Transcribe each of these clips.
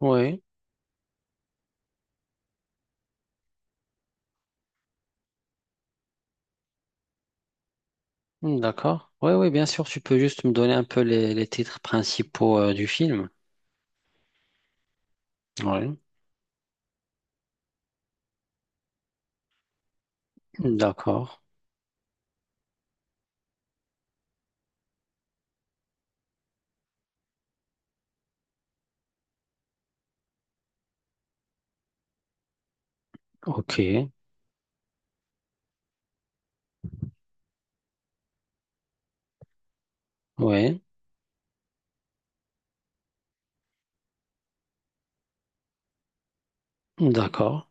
Oui, hmm, d'accord. Oui, oui, bien sûr, tu peux juste me donner un peu les titres principaux du film. Oui, hmm, d'accord. Ok. Oui, d'accord.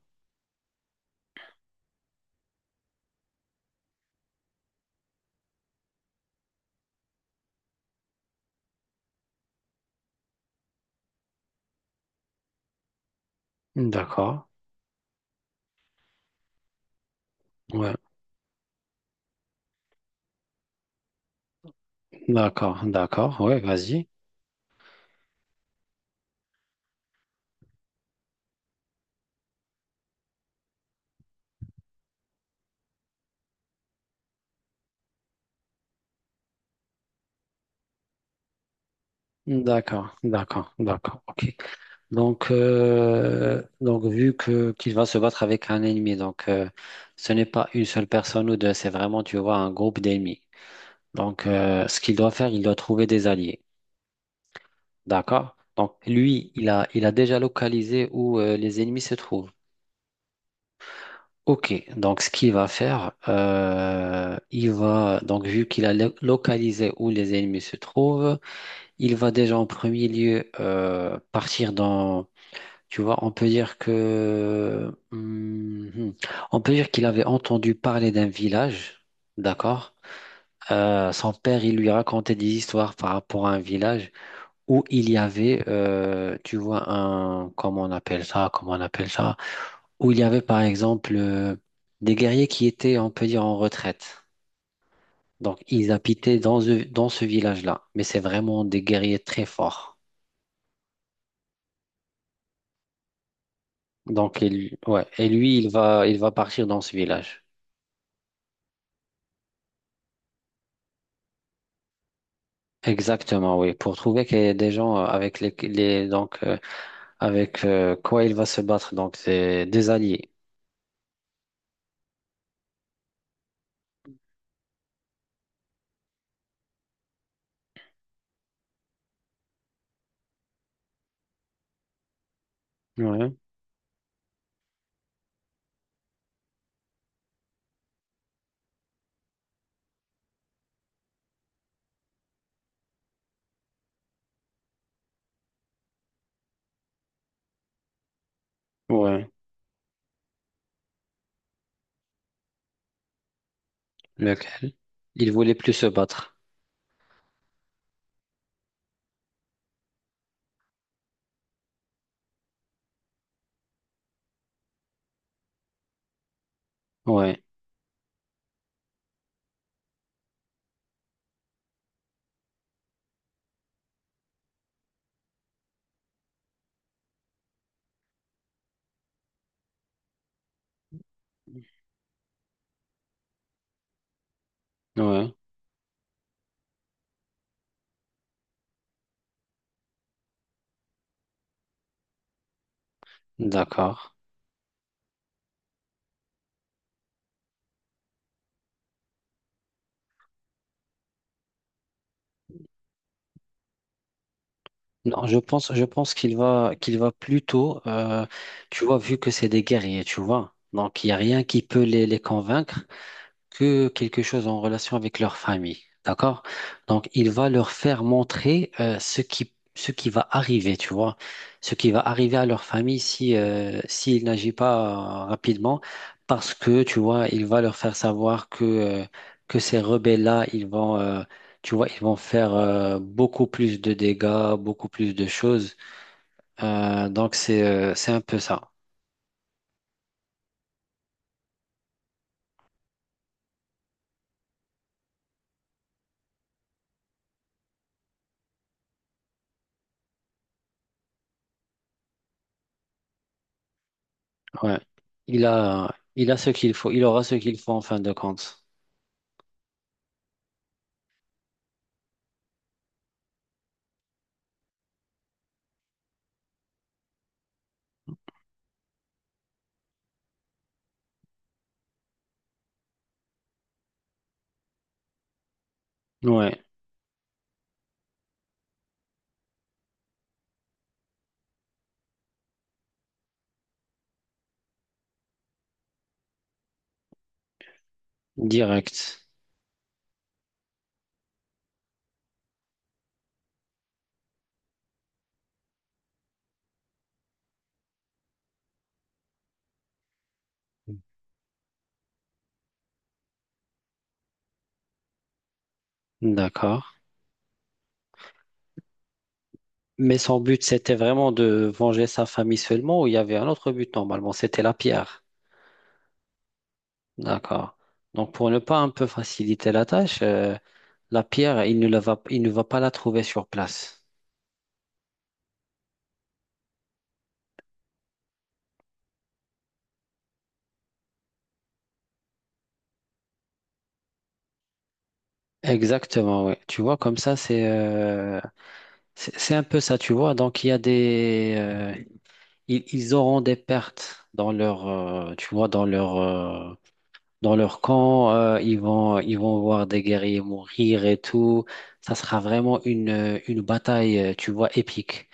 Hmm, d'accord. Ouais, d'accord, d'accord. Oui, vas-y. Hmm, d'accord, d'accord, d'accord. Ok. Donc, vu que qu'il va se battre avec un ennemi, ce n'est pas une seule personne ou deux, c'est vraiment, tu vois, un groupe d'ennemis. Donc, ce qu'il doit faire, il doit trouver des alliés. D'accord. Donc lui, il a déjà localisé où les ennemis se trouvent. Ok, donc ce qu'il va faire, donc vu qu'il a localisé où les ennemis se trouvent, il va déjà en premier lieu partir dans, tu vois, on peut dire que, mhm, on peut dire qu'il avait entendu parler d'un village, d'accord? Son père, il lui racontait des histoires par rapport à un village, où il y avait, tu vois, un, comment on appelle ça, comment on appelle ça, où il y avait par exemple des guerriers qui étaient, on peut dire, en retraite. Donc, ils habitaient dans ce village-là, mais c'est vraiment des guerriers très forts. Donc, ouais, et lui, il va partir dans ce village. Exactement, oui, pour trouver qu'il y a des gens avec avec quoi il va se battre, donc c'est des alliés. Ouais, ouais. Lequel? Il voulait plus se battre. Ouais. Ouais. D'accord. Non, je pense qu'il va plutôt, tu vois, vu que c'est des guerriers, tu vois. Donc, il n'y a rien qui peut les convaincre, que quelque chose en relation avec leur famille. D'accord? Donc, il va leur faire montrer ce qui va arriver, tu vois, ce qui va arriver à leur famille si, s'il n'agit pas rapidement, parce que, tu vois, il va leur faire savoir que ces rebelles-là, tu vois, ils vont faire beaucoup plus de dégâts, beaucoup plus de choses. Donc, c'est un peu ça. Ouais. Il a ce qu'il faut, il aura ce qu'il faut en fin de compte. Ouais. Direct. D'accord. Mais son but, c'était vraiment de venger sa famille seulement, ou il y avait un autre but, normalement, c'était la pierre. D'accord. Donc, pour ne pas un peu faciliter la tâche, la pierre, il ne va pas la trouver sur place. Exactement, oui. Tu vois, comme ça, c'est un peu ça, tu vois. Donc il y a des ils auront des pertes dans leur, tu vois, dans leur, dans leur camp, ils vont voir des guerriers mourir et tout. Ça sera vraiment une bataille, tu vois, épique.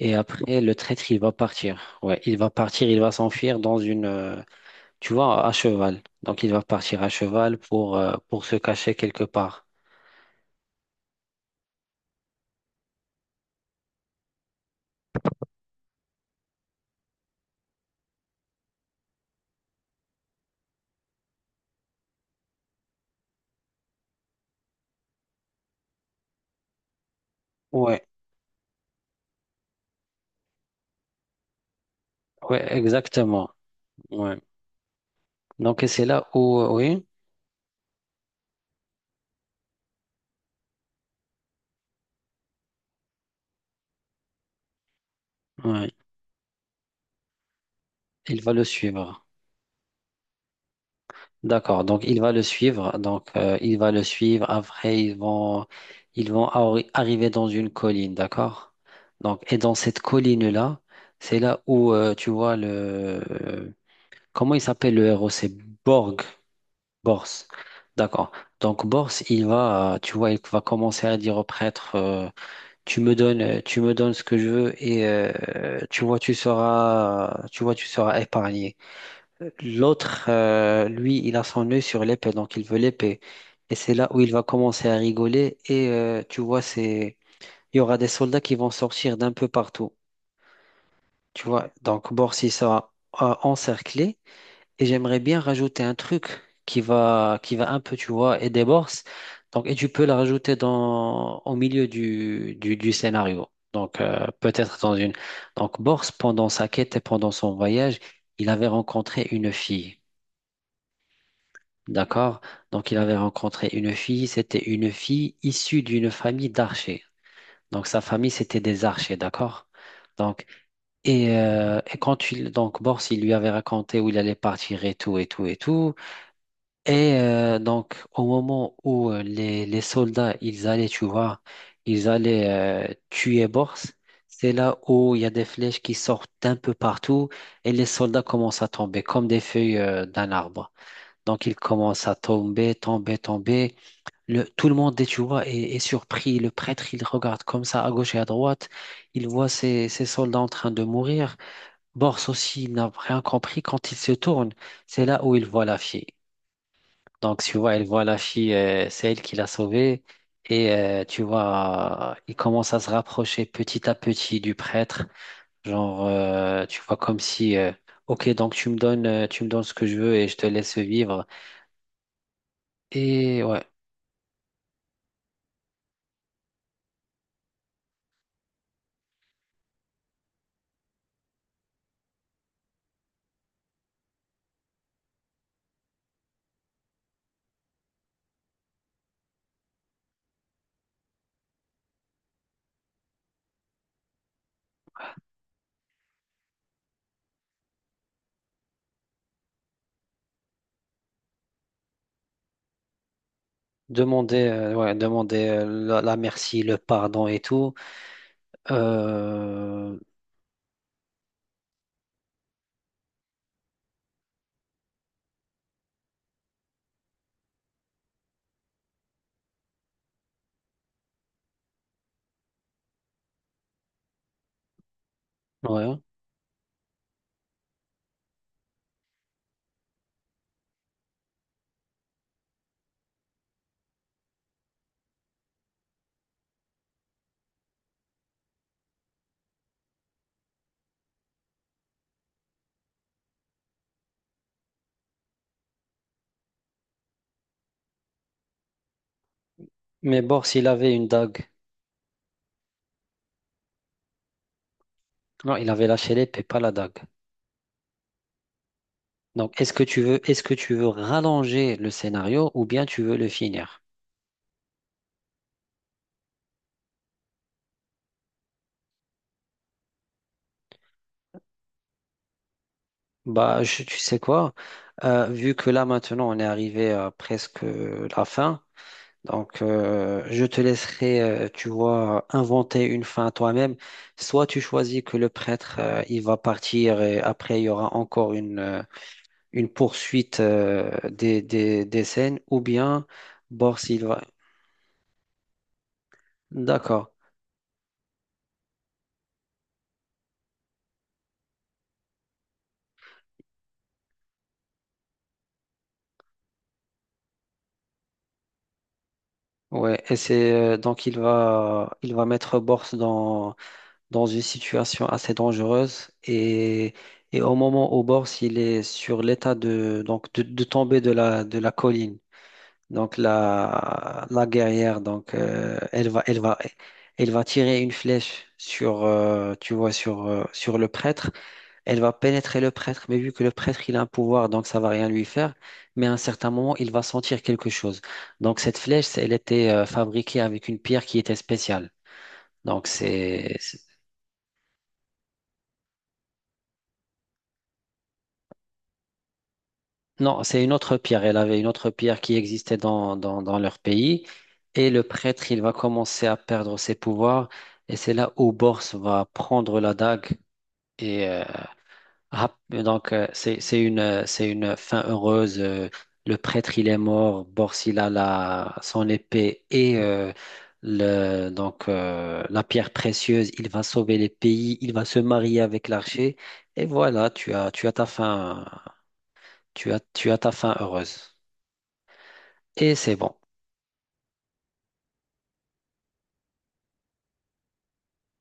Et après, le traître, il va partir. Ouais, il va partir, il va s'enfuir dans une, tu vois, à cheval. Donc, il va partir à cheval pour se cacher quelque part. Ouais, ouais, exactement. Ouais. Donc, et c'est là où, oui, ouais, il va le suivre. D'accord, donc il va le suivre, donc il va le suivre, après ils vont arriver dans une colline, d'accord? Donc, et dans cette colline-là, c'est là où tu vois le... Comment il s'appelle le héros? C'est Borg, Bors, d'accord. Donc Bors, tu vois, il va commencer à dire au prêtre, tu me donnes ce que je veux et tu vois, tu seras, tu vois, tu seras épargné. L'autre, lui, il a son œil sur l'épée, donc il veut l'épée. Et c'est là où il va commencer à rigoler. Et tu vois, c'est... il y aura des soldats qui vont sortir d'un peu partout. Tu vois, donc Borsi sera encerclé. Et j'aimerais bien rajouter un truc qui va un peu, tu vois, aider Bors. Donc, et tu peux la rajouter dans... au milieu du scénario. Donc, peut-être dans une. Donc, Bors, pendant sa quête et pendant son voyage, il avait rencontré une fille. D'accord? Donc, il avait rencontré une fille. C'était une fille issue d'une famille d'archers. Donc, sa famille, c'était des archers, d'accord? Donc, et quand il, donc, Bors, il lui avait raconté où il allait partir et tout, et tout, et tout. Et donc, au moment où les soldats, ils allaient, tu vois, ils allaient tuer Bors, c'est là où il y a des flèches qui sortent un peu partout, et les soldats commencent à tomber comme des feuilles d'un arbre. Donc il commence à tomber, tomber, tomber. Tout le monde, tu vois, est surpris. Le prêtre, il regarde comme ça à gauche et à droite. Il voit ses soldats en train de mourir. Bors aussi, il n'a rien compris. Quand il se tourne, c'est là où il voit la fille. Donc tu vois, il voit la fille, c'est elle qui l'a sauvée. Et tu vois, il commence à se rapprocher petit à petit du prêtre. Genre, tu vois, comme si, ok, donc tu me donnes ce que je veux et je te laisse vivre. Et ouais. Demander, ouais, demander la merci, le pardon et tout. Euh, ouais. Mais bon, s'il avait une dague. Non, il avait lâché l'épée, pas la dague. Donc, est-ce que tu veux rallonger le scénario, ou bien tu veux le finir? Bah, tu sais quoi? Vu que là maintenant on est arrivé à presque la fin, donc, je te laisserai, tu vois, inventer une fin à toi-même. Soit tu choisis que le prêtre, il va partir et après, il y aura encore une, une poursuite, des scènes, ou bien Bors, il va... D'accord. Ouais, et c'est donc il va mettre Bors dans une situation assez dangereuse, et au moment où Bors il est sur l'état de de tomber de la colline. Donc la guerrière, elle va tirer une flèche tu vois, sur le prêtre. Elle va pénétrer le prêtre, mais vu que le prêtre il a un pouvoir, donc ça va rien lui faire. Mais à un certain moment, il va sentir quelque chose. Donc cette flèche, elle était fabriquée avec une pierre qui était spéciale. Donc c'est, Non, c'est une autre pierre. Elle avait une autre pierre qui existait dans leur pays. Et le prêtre, il va commencer à perdre ses pouvoirs. Et c'est là où Bors va prendre la dague. Et c'est une fin heureuse. Le prêtre, il est mort. Bors, il a son épée et la pierre précieuse. Il va sauver les pays. Il va se marier avec l'archer. Et voilà, tu as ta fin, tu as ta fin heureuse. Et c'est bon.